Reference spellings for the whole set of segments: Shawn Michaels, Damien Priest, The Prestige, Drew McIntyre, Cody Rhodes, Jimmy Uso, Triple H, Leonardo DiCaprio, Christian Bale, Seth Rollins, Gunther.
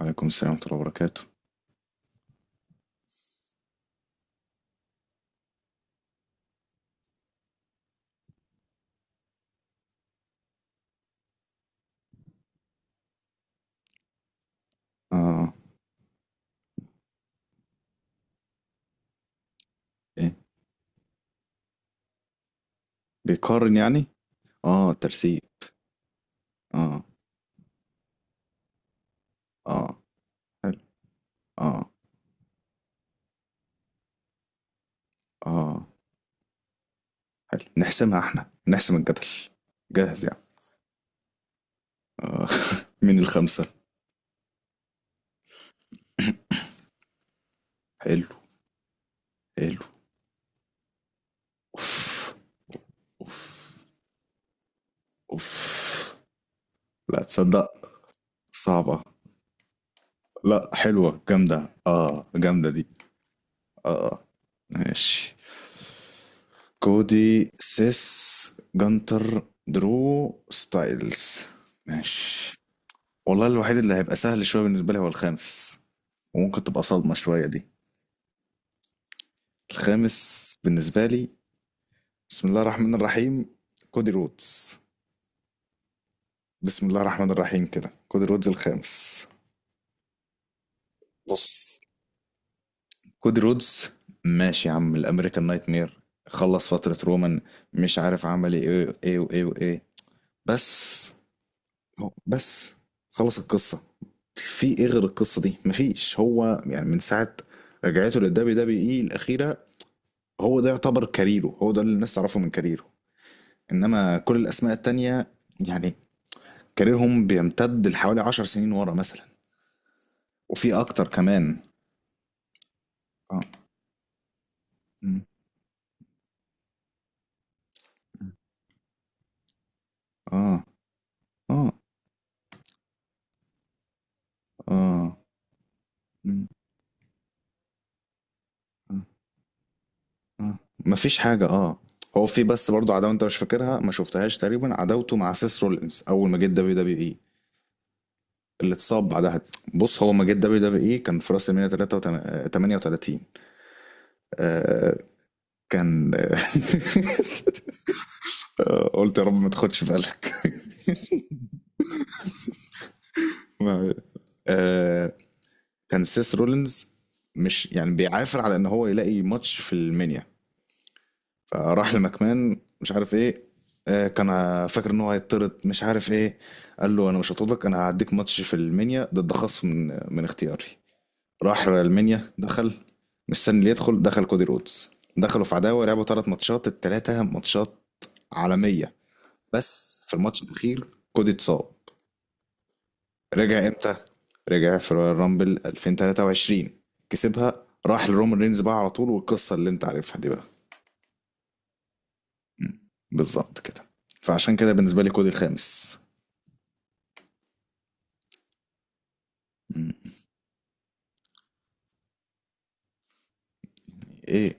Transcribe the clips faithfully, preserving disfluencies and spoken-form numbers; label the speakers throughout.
Speaker 1: وعليكم السلام ورحمة الله وبركاته. اه. ايه. بيقارن يعني؟ اه. ترتيب. اه. اه. حلو. اه. اه. حلو، نحسمها احنا، نحسم الجدل. جاهز يعني؟ آه. مين الخمسة؟ حلو. حلو. اوف. اوف. لا تصدق. صعبة. لا، حلوة جامدة، اه جامدة دي. اه. ماشي. كودي، سيس، جنتر، درو، ستايلز. ماشي. والله الوحيد اللي هيبقى سهل شوية بالنسبة لي هو الخامس، وممكن تبقى صدمة شوية دي. الخامس بالنسبة لي، بسم الله الرحمن الرحيم، كودي رودز. بسم الله الرحمن الرحيم كده، كودي رودز الخامس. بص، كودي رودز، ماشي يا عم الامريكان نايت مير، خلص فترة رومان، مش عارف عمل ايه وايه وايه وايه. بس هو- بس خلص القصة. في ايه غير القصة دي؟ مفيش. هو يعني من ساعة رجعته للدبليو دبليو اي الأخيرة، هو ده يعتبر كاريره، هو ده اللي الناس تعرفه من كاريره. انما كل الاسماء التانية يعني كاريرهم بيمتد لحوالي عشر سنين ورا مثلا، وفي اكتر كمان. اه. م. اه. اه. اه. م. اه. اه مفيش حاجة. اه. هو في بس برضو عداوة انت مش فاكرها، ما شفتهاش تقريبا، عداوته مع سيس رولينز اول ما جه دبليو دبليو اي، اللي اتصاب بعدها. بص، هو ما جه دبليو دبليو اي كان في راس المينيا تمنية وتلاتين. آه كان قلت يا رب ما تاخدش بالك. ما- آه، كان سيس رولينز مش يعني بيعافر على ان هو يلاقي ماتش في المنيا، فراح لمكمان مش عارف ايه. آه، كان فاكر ان هو هيطرد مش عارف ايه، قال له انا مش هطردك، انا هديك ماتش في المنيا ضد خصم من من اختياري. راح المنيا، دخل مستني اللي يدخل، دخل كودي رودز. دخلوا في عداوه، لعبوا ثلاث ماتشات، الثلاثه ماتشات عالميه. بس في الماتش الاخير كودي اتصاب. رجع امتى؟ رجع في رويال رامبل ألفين وتلاتة وعشرين. كسبها، راح لرومان رينز بقى على طول، والقصة اللي انت عارفها دي بقى. مم. بالظبط كده. فعشان كده بالنسبة لي كودي الخامس. مم. ايه؟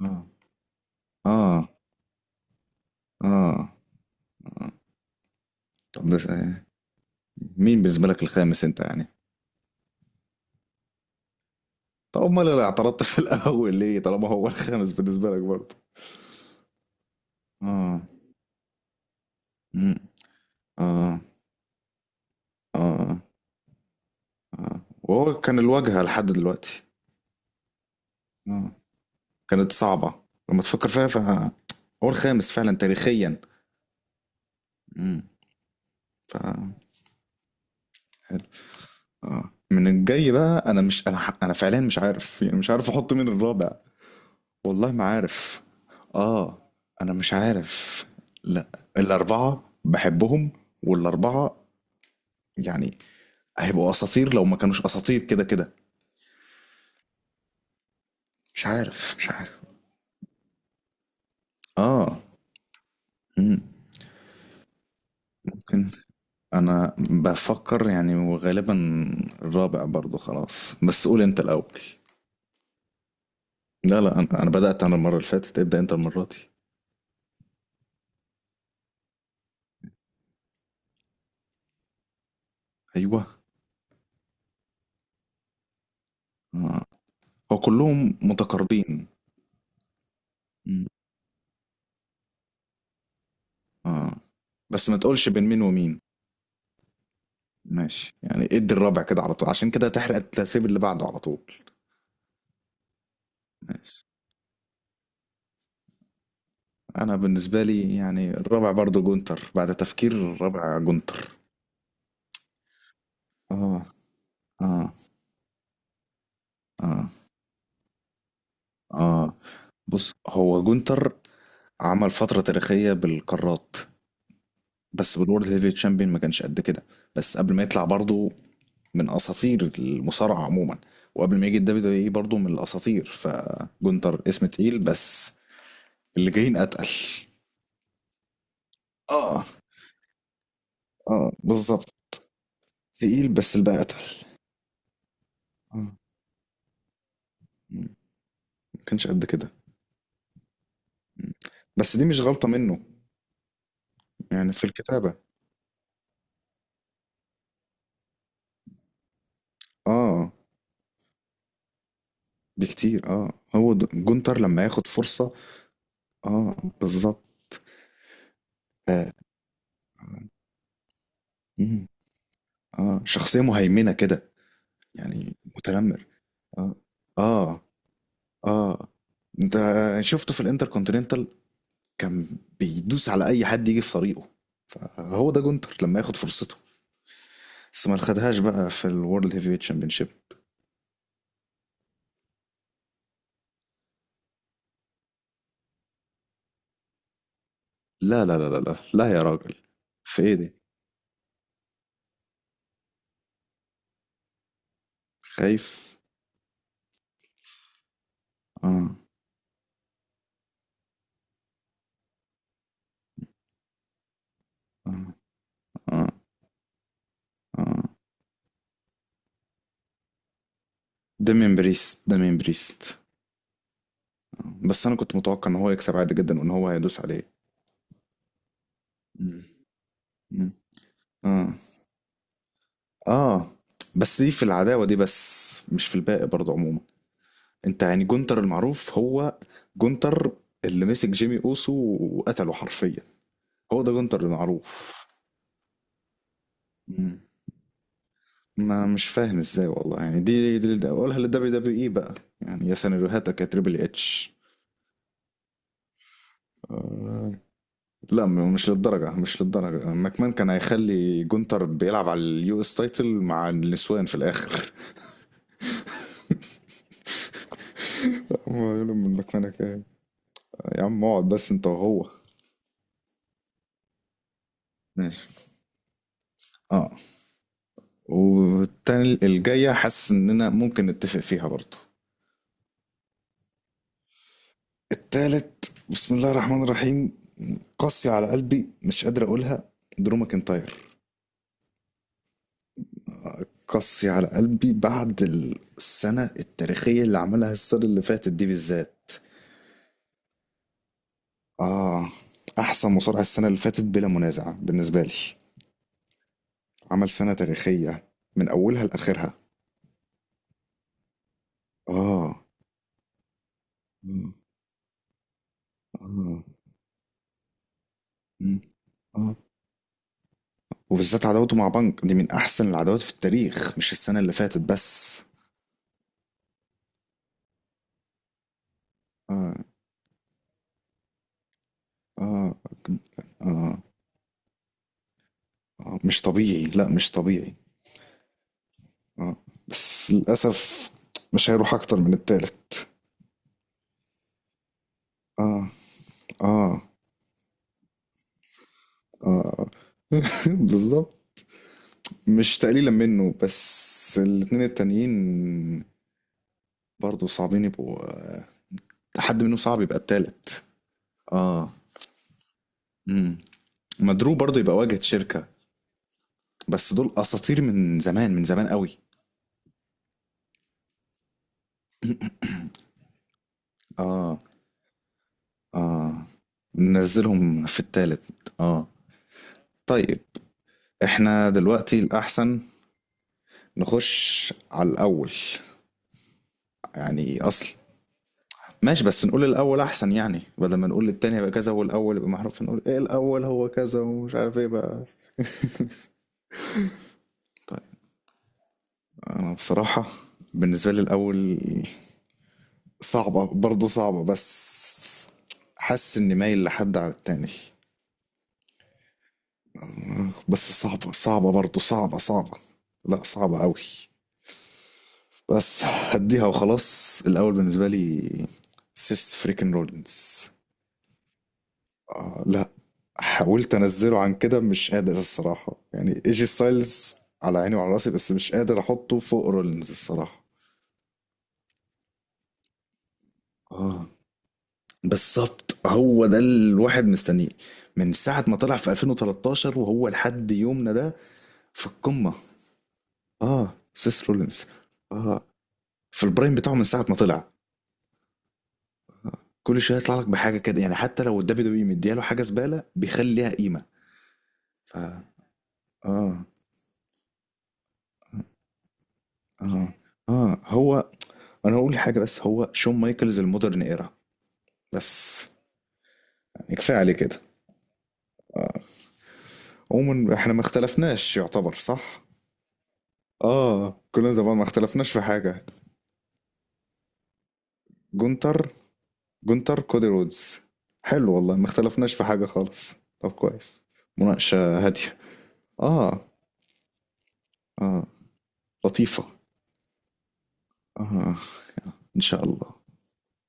Speaker 1: اه. اه. اه. آه. طب بس آه، مين بالنسبة لك الخامس انت يعني؟ طب امال اللي اعترضت في الاول ليه؟ طالما هو الخامس بالنسبة لك برضه. اه. مم. اه. اه. اه وهو كان الواجهة لحد دلوقتي. اه، كانت صعبة. لما تفكر فيها فهو الخامس فعلا تاريخيا. امم. ف حلو. اه، من الجاي بقى انا مش انا ح- انا فعليا مش عارف، يعني مش عارف احط مين الرابع. والله ما عارف. اه. انا مش عارف. لا، الاربعة بحبهم، والاربعة يعني هيبقوا اساطير لو ما كانوش اساطير كده كده. مش عارف مش عارف. اه. مم. ممكن. انا بفكر يعني، وغالبا الرابع برضو خلاص، بس قول انت الاول. لا لا، انا انا بدأت انا المرة اللي فاتت، ابدأ انت المرة دي. ايوه. آه. هو كلهم متقاربين. مم. اه. بس ما تقولش بين مين ومين. ماشي يعني، ادي الرابع كده على طول، عشان كده تحرق الترتيب اللي بعده على طول. ماشي. انا بالنسبة لي يعني الرابع برضو جونتر، بعد تفكير الرابع جونتر. اه. اه. اه. اه. بص، هو جونتر عمل فترة تاريخية بالقارات، بس بالورد هيفي تشامبيون ما كانش قد كده. بس قبل ما يطلع برضه، من اساطير المصارعه عموما، وقبل ما يجي الدبليو دبليو اي برضه من الاساطير، فجونتر اسم تقيل، بس اللي جايين اتقل. اه. اه بالظبط، تقيل بس الباقي اتقل. اه. مم. ما كانش قد كده. مم. بس دي مش غلطه منه، يعني في الكتابه. اه. بكتير اه. هو د- جونتر لما ياخد فرصه. اه. بالظبط. آه. مم. اه، شخصيه مهيمنه كده، يعني متنمر. اه. اه. اه. انت شفته في الانتر كونتيننتال، كان بيدوس على اي حد يجي في طريقه. فهو ده جونتر لما ياخد فرصته، بس ما خدهاش بقى في الورلد هيفي ويت شامبيونشيب. لا لا لا لا لا لا يا راجل، في ايه دي؟ خايف. اه. اه. اه. اه. دامين بريست، دامين بريست. آه. بس انا كنت متوقع ان هو يكسب عادي جدا، وان هو هيدوس عليه. مم. مم. اه. اه. بس دي في العداوة دي بس، مش في الباقي برضه عموما. انت يعني جونتر المعروف هو جونتر اللي مسك جيمي اوسو وقتله حرفيا، هو ده جونتر المعروف. مم. ما مش فاهم ازاي والله، يعني دي دي دي- اقولها للدبليو دبليو اي بقى، يعني يا سيناريوهاتك يا تريبل اتش. آه. لا، م- مش للدرجة مش للدرجة، ماكمان كان هيخلي جونتر بيلعب على اليو اس تايتل مع النسوان في الآخر. ما يقولوا من ماكمان، يا عم اقعد بس انت وهو. ماشي. اه. والتاني الجاية حاسس إننا ممكن نتفق فيها برضه. التالت، بسم الله الرحمن الرحيم، قاسية على قلبي مش قادر أقولها، درو ماكنتاير. قاسية على قلبي بعد السنة التاريخية اللي عملها، السنة اللي فاتت دي بالذات. آه. أحسن مصارع السنة اللي فاتت بلا منازع بالنسبة لي، عمل سنة تاريخية من أولها لآخرها. آه. آه. آه. آه. وبالذات عداوته مع بنك دي، من احسن العداوات في التاريخ، مش السنه اللي فاتت بس. اه. اه. اه. آه. مش طبيعي، لا مش طبيعي. اه. بس للاسف مش هيروح اكتر من التالت. اه. اه. اه. بالظبط. مش تقليلا منه، بس الاتنين التانيين برضه صعبين يبقوا، حد منهم صعب يبقى التالت. اه. امم. مدرو برضه يبقى واجهة شركة، بس دول اساطير من زمان، من زمان قوي. اه. اه. ننزلهم في التالت اه. طيب، احنا دلوقتي الاحسن نخش على الاول، يعني اصل، ماشي بس نقول الاول احسن، يعني بدل ما نقول التاني يبقى كذا والاول يبقى محروف، نقول ايه الاول هو كذا ومش عارف ايه بقى. طيب. انا بصراحة بالنسبة لي الاول صعبة، برضه صعبة بس حاسس اني مايل لحد على التاني. بس صعبة، صعبة برضه، صعبة صعبة، لا صعبة قوي. بس هديها وخلاص، الاول بالنسبه لي سيس فريكن رولينز. آه لا، حاولت انزله عن كده مش قادر الصراحه، يعني ايجي ستايلز على عيني وعلى راسي، بس مش قادر احطه فوق رولينز الصراحه. اه، بالظبط، هو ده الواحد مستنيه من ساعة ما طلع في ألفين وثلاثة عشر، وهو لحد يومنا ده في القمة. اه، سيس رولينز. اه، في البرايم بتاعه من ساعة ما طلع. كل شويه يطلع لك بحاجه كده، يعني حتى لو الدبليو دبليو مدياله حاجه زباله بيخلي ليها قيمه. ف اه. اه. اه. هو، انا هقول حاجه بس، هو شون مايكلز المودرن ايرا، بس، يعني كفايه عليه كده. عموما احنا ما اختلفناش، يعتبر صح. اه، كلنا زمان ما اختلفناش في حاجه. جونتر. جونتر، كودي رودز. حلو والله، ما اختلفناش في حاجه خالص. طب كويس. مناقشه هاديه. اه. اه. لطيفه. اه. ان شاء الله.